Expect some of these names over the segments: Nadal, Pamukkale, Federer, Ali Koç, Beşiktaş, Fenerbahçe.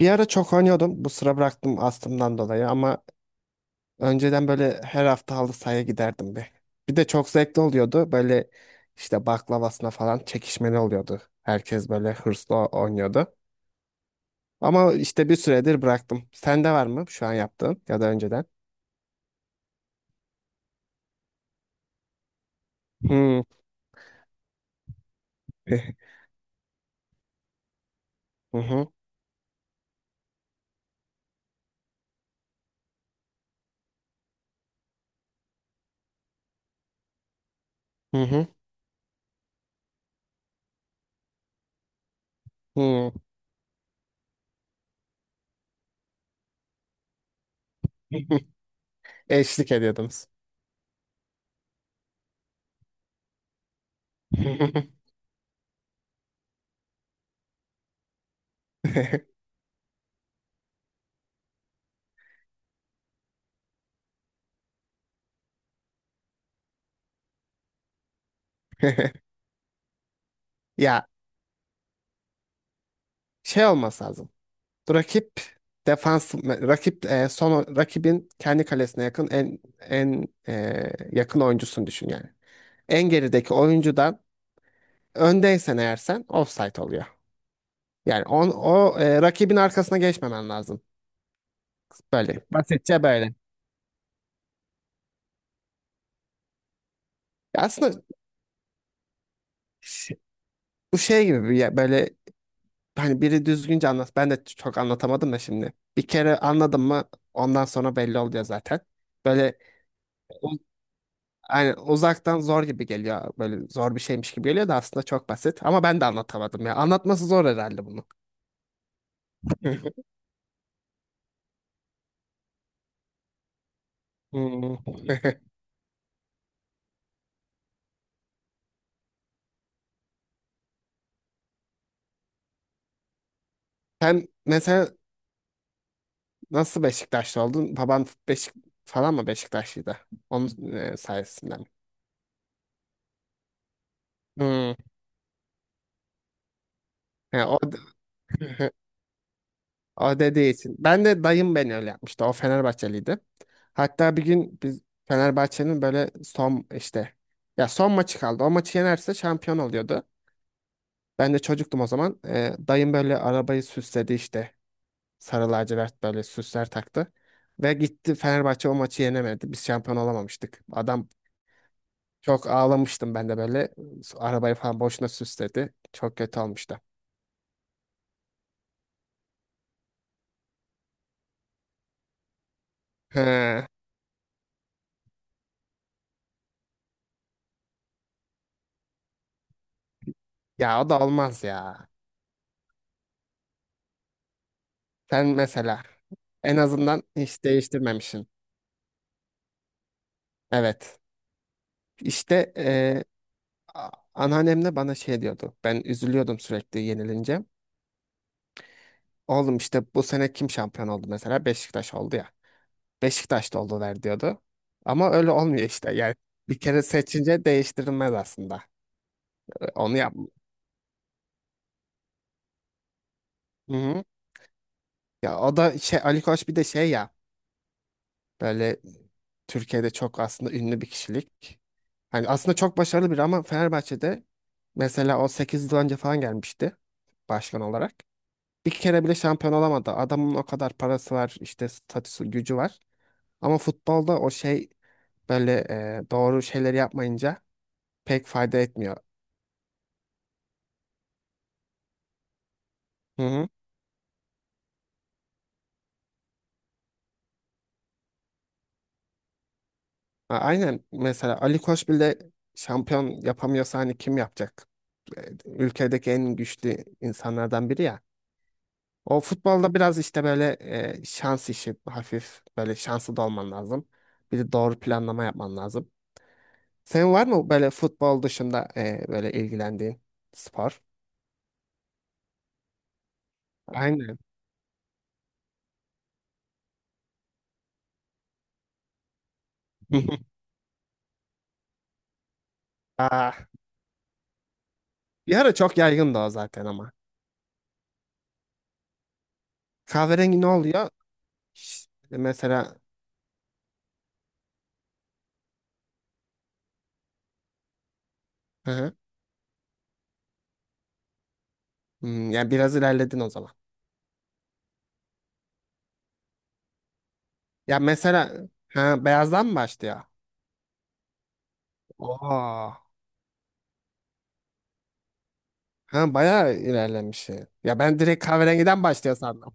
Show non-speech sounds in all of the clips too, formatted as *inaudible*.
Bir ara çok oynuyordum. Bu sıra bıraktım astımdan dolayı ama önceden böyle her hafta halı sahaya giderdim bir. Bir de çok zevkli oluyordu. Böyle işte baklavasına falan çekişmeli oluyordu. Herkes böyle hırslı oynuyordu. Ama işte bir süredir bıraktım. Sende var mı şu an yaptığın ya da önceden? Hmm. *laughs* Hı hı. Hı hı. Hı. *laughs* Eşlik ediyordunuz. *laughs* *laughs* Ya şey olması lazım. Rakip rakip son rakibin kendi kalesine yakın en yakın oyuncusunu düşün yani. En gerideki oyuncudan öndeysen eğer sen offside oluyor. Yani o rakibin arkasına geçmemen lazım. Böyle basitçe böyle. Ya aslında ş- bu şey gibi bir böyle hani biri düzgünce anlat. Ben de çok anlatamadım da şimdi. Bir kere anladım mı ondan sonra belli oluyor zaten. Böyle aynen uzaktan zor gibi geliyor. Böyle zor bir şeymiş gibi geliyor da aslında çok basit. Ama ben de anlatamadım ya. Anlatması zor herhalde bunu. *laughs* Hmm. *laughs* Sen mesela nasıl Beşiktaşlı oldun? Baban Beşik falan mı Beşiktaşlıydı? Onun sayesinde mi? Hmm. He, *laughs* o dediği için. Ben de dayım beni öyle yapmıştı. O Fenerbahçeliydi. Hatta bir gün biz Fenerbahçe'nin böyle son işte ya son maçı kaldı. O maçı yenerse şampiyon oluyordu. Ben de çocuktum o zaman. Dayım böyle arabayı süsledi işte. Sarı lacivert böyle süsler taktı. Ve gitti Fenerbahçe o maçı yenemedi. Biz şampiyon olamamıştık. Adam çok ağlamıştım ben de böyle. Arabayı falan boşuna süsledi. Çok kötü olmuştu. He. Ya o da olmaz ya. Sen mesela en azından hiç değiştirmemişsin. Evet. İşte anneannem de bana şey diyordu. Ben üzülüyordum sürekli yenilince. Oğlum işte bu sene kim şampiyon oldu mesela? Beşiktaş oldu ya. Beşiktaş da oldular diyordu. Ama öyle olmuyor işte. Yani bir kere seçince değiştirilmez aslında. Onu yap. Hı hı. Ya o da şey Ali Koç bir de şey ya böyle Türkiye'de çok aslında ünlü bir kişilik. Hani aslında çok başarılı biri ama Fenerbahçe'de mesela o 8 yıl önce falan gelmişti başkan olarak. Bir kere bile şampiyon olamadı. Adamın o kadar parası var, işte statüsü, gücü var. Ama futbolda o şey böyle doğru şeyleri yapmayınca pek fayda etmiyor. Hı hı. Aynen mesela Ali Koç bile şampiyon yapamıyorsa hani kim yapacak? Ülkedeki en güçlü insanlardan biri ya. O futbolda biraz işte böyle şans işi hafif böyle şanslı da olman lazım. Bir de doğru planlama yapman lazım. Senin var mı böyle futbol dışında böyle ilgilendiğin spor? Aynen. *laughs* Aa, bir ara çok yaygındı o zaten ama. Kahverengi ne oluyor? Mesela. Hı hı. Hmm, yani biraz ilerledin o zaman. Ya mesela ha, beyazdan mı başlıyor? Aa, ha, bayağı ilerlemiş. Ya ben direkt kahverengiden başlıyor sandım.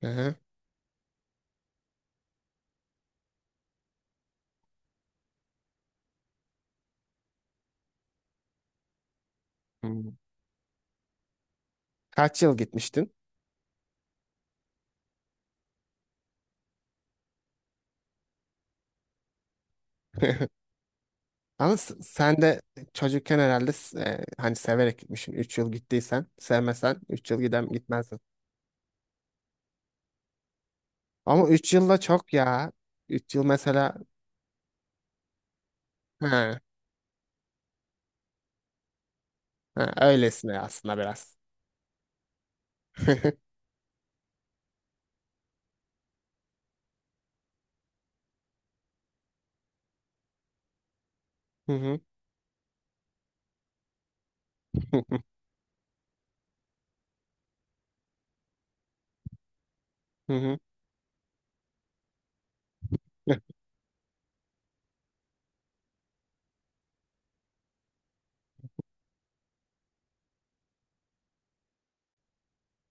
Hı hı. Hmm. Kaç yıl gitmiştin? *laughs* Ama sen de çocukken herhalde hani severek gitmişsin. 3 yıl gittiysen, sevmesen 3 yıl gitmezsin. Ama 3 yıl da çok ya. 3 yıl mesela ha, ha, öylesine aslında biraz. *laughs* Hı hı. *laughs* Hı hı. Hı hı.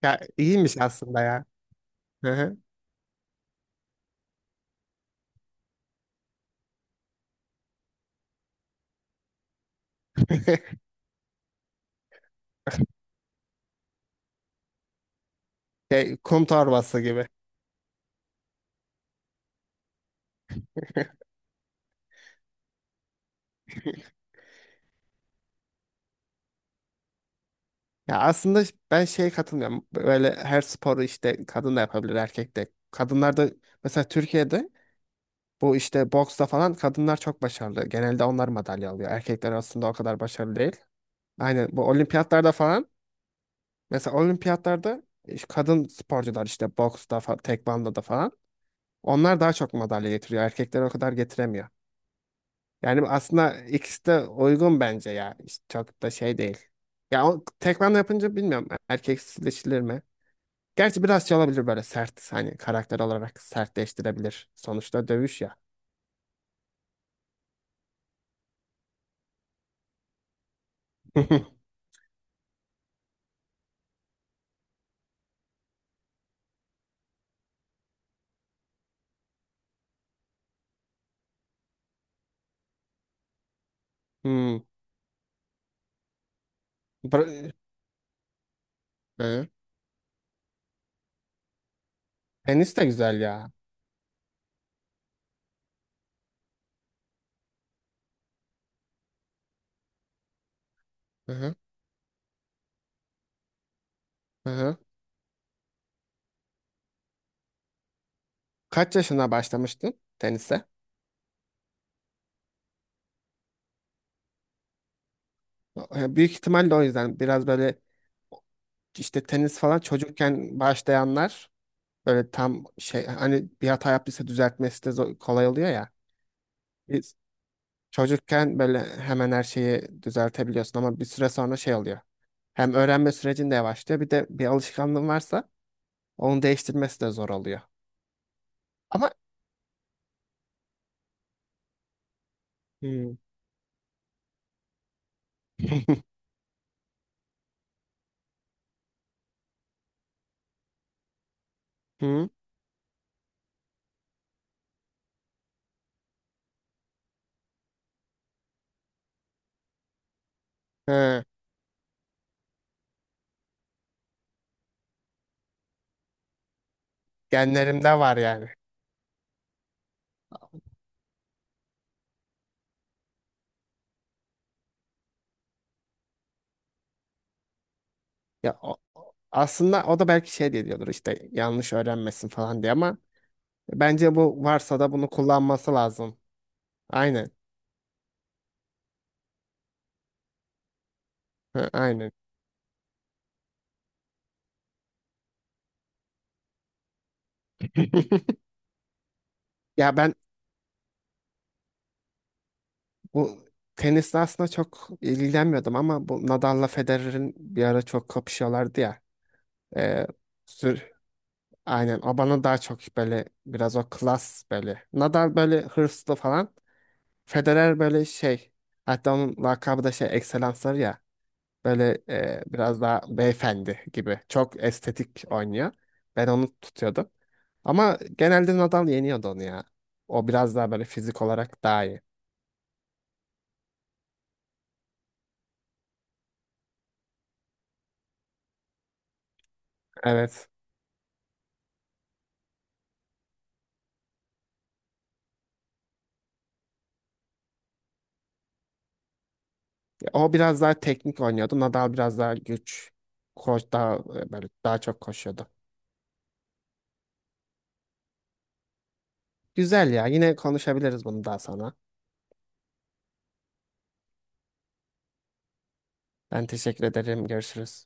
Ya iyiymiş aslında ya. *laughs* *laughs* Şey, kum torbası gibi. *laughs* Ya aslında ben şeye katılmıyorum. Böyle her sporu işte kadın da yapabilir, erkek de. Kadınlar da mesela Türkiye'de bu işte boksta falan kadınlar çok başarılı. Genelde onlar madalya alıyor. Erkekler aslında o kadar başarılı değil. Aynen bu olimpiyatlarda falan mesela olimpiyatlarda kadın sporcular işte boksta, tekvandoda falan onlar daha çok madalya getiriyor. Erkekler o kadar getiremiyor. Yani aslında ikisi de uygun bence ya. İşte çok da şey değil. Ya o tekman yapınca bilmiyorum erkeksileşilir mi? Gerçi biraz şey olabilir böyle sert hani karakter olarak sertleştirebilir. Sonuçta dövüş ya. *laughs* Hmm. Bra- Hı. Tenis de güzel ya. Hı hı. Hı hı. Kaç yaşına başlamıştın tenise? Büyük ihtimalle o yüzden biraz böyle işte tenis falan çocukken başlayanlar böyle tam şey hani bir hata yaptıysa düzeltmesi de kolay oluyor ya. E, Çocukken böyle hemen her şeyi düzeltebiliyorsun ama bir süre sonra şey oluyor. Hem öğrenme sürecin de yavaşlıyor bir de bir alışkanlığın varsa onu değiştirmesi de zor oluyor. Ama Hmm. *laughs* Hı? He, genlerimde var yani. Ya aslında o da belki şey diye diyordur işte yanlış öğrenmesin falan diye ama bence bu varsa da bunu kullanması lazım. Aynen. Hı, aynen. *laughs* Ya ben bu tenisle aslında çok ilgilenmiyordum ama bu Nadal'la Federer'in bir ara çok kapışıyorlardı ya. Ee, sür Aynen o bana daha çok böyle biraz o klas böyle. Nadal böyle hırslı falan. Federer böyle şey hatta onun lakabı da şey ekselansları ya. Böyle biraz daha beyefendi gibi. Çok estetik oynuyor. Ben onu tutuyordum. Ama genelde Nadal yeniyordu onu ya. O biraz daha böyle fizik olarak daha iyi. Evet. O biraz daha teknik oynuyordu. Nadal biraz daha güç. Böyle daha çok koşuyordu. Güzel ya. Yine konuşabiliriz bunu daha sonra. Ben teşekkür ederim. Görüşürüz.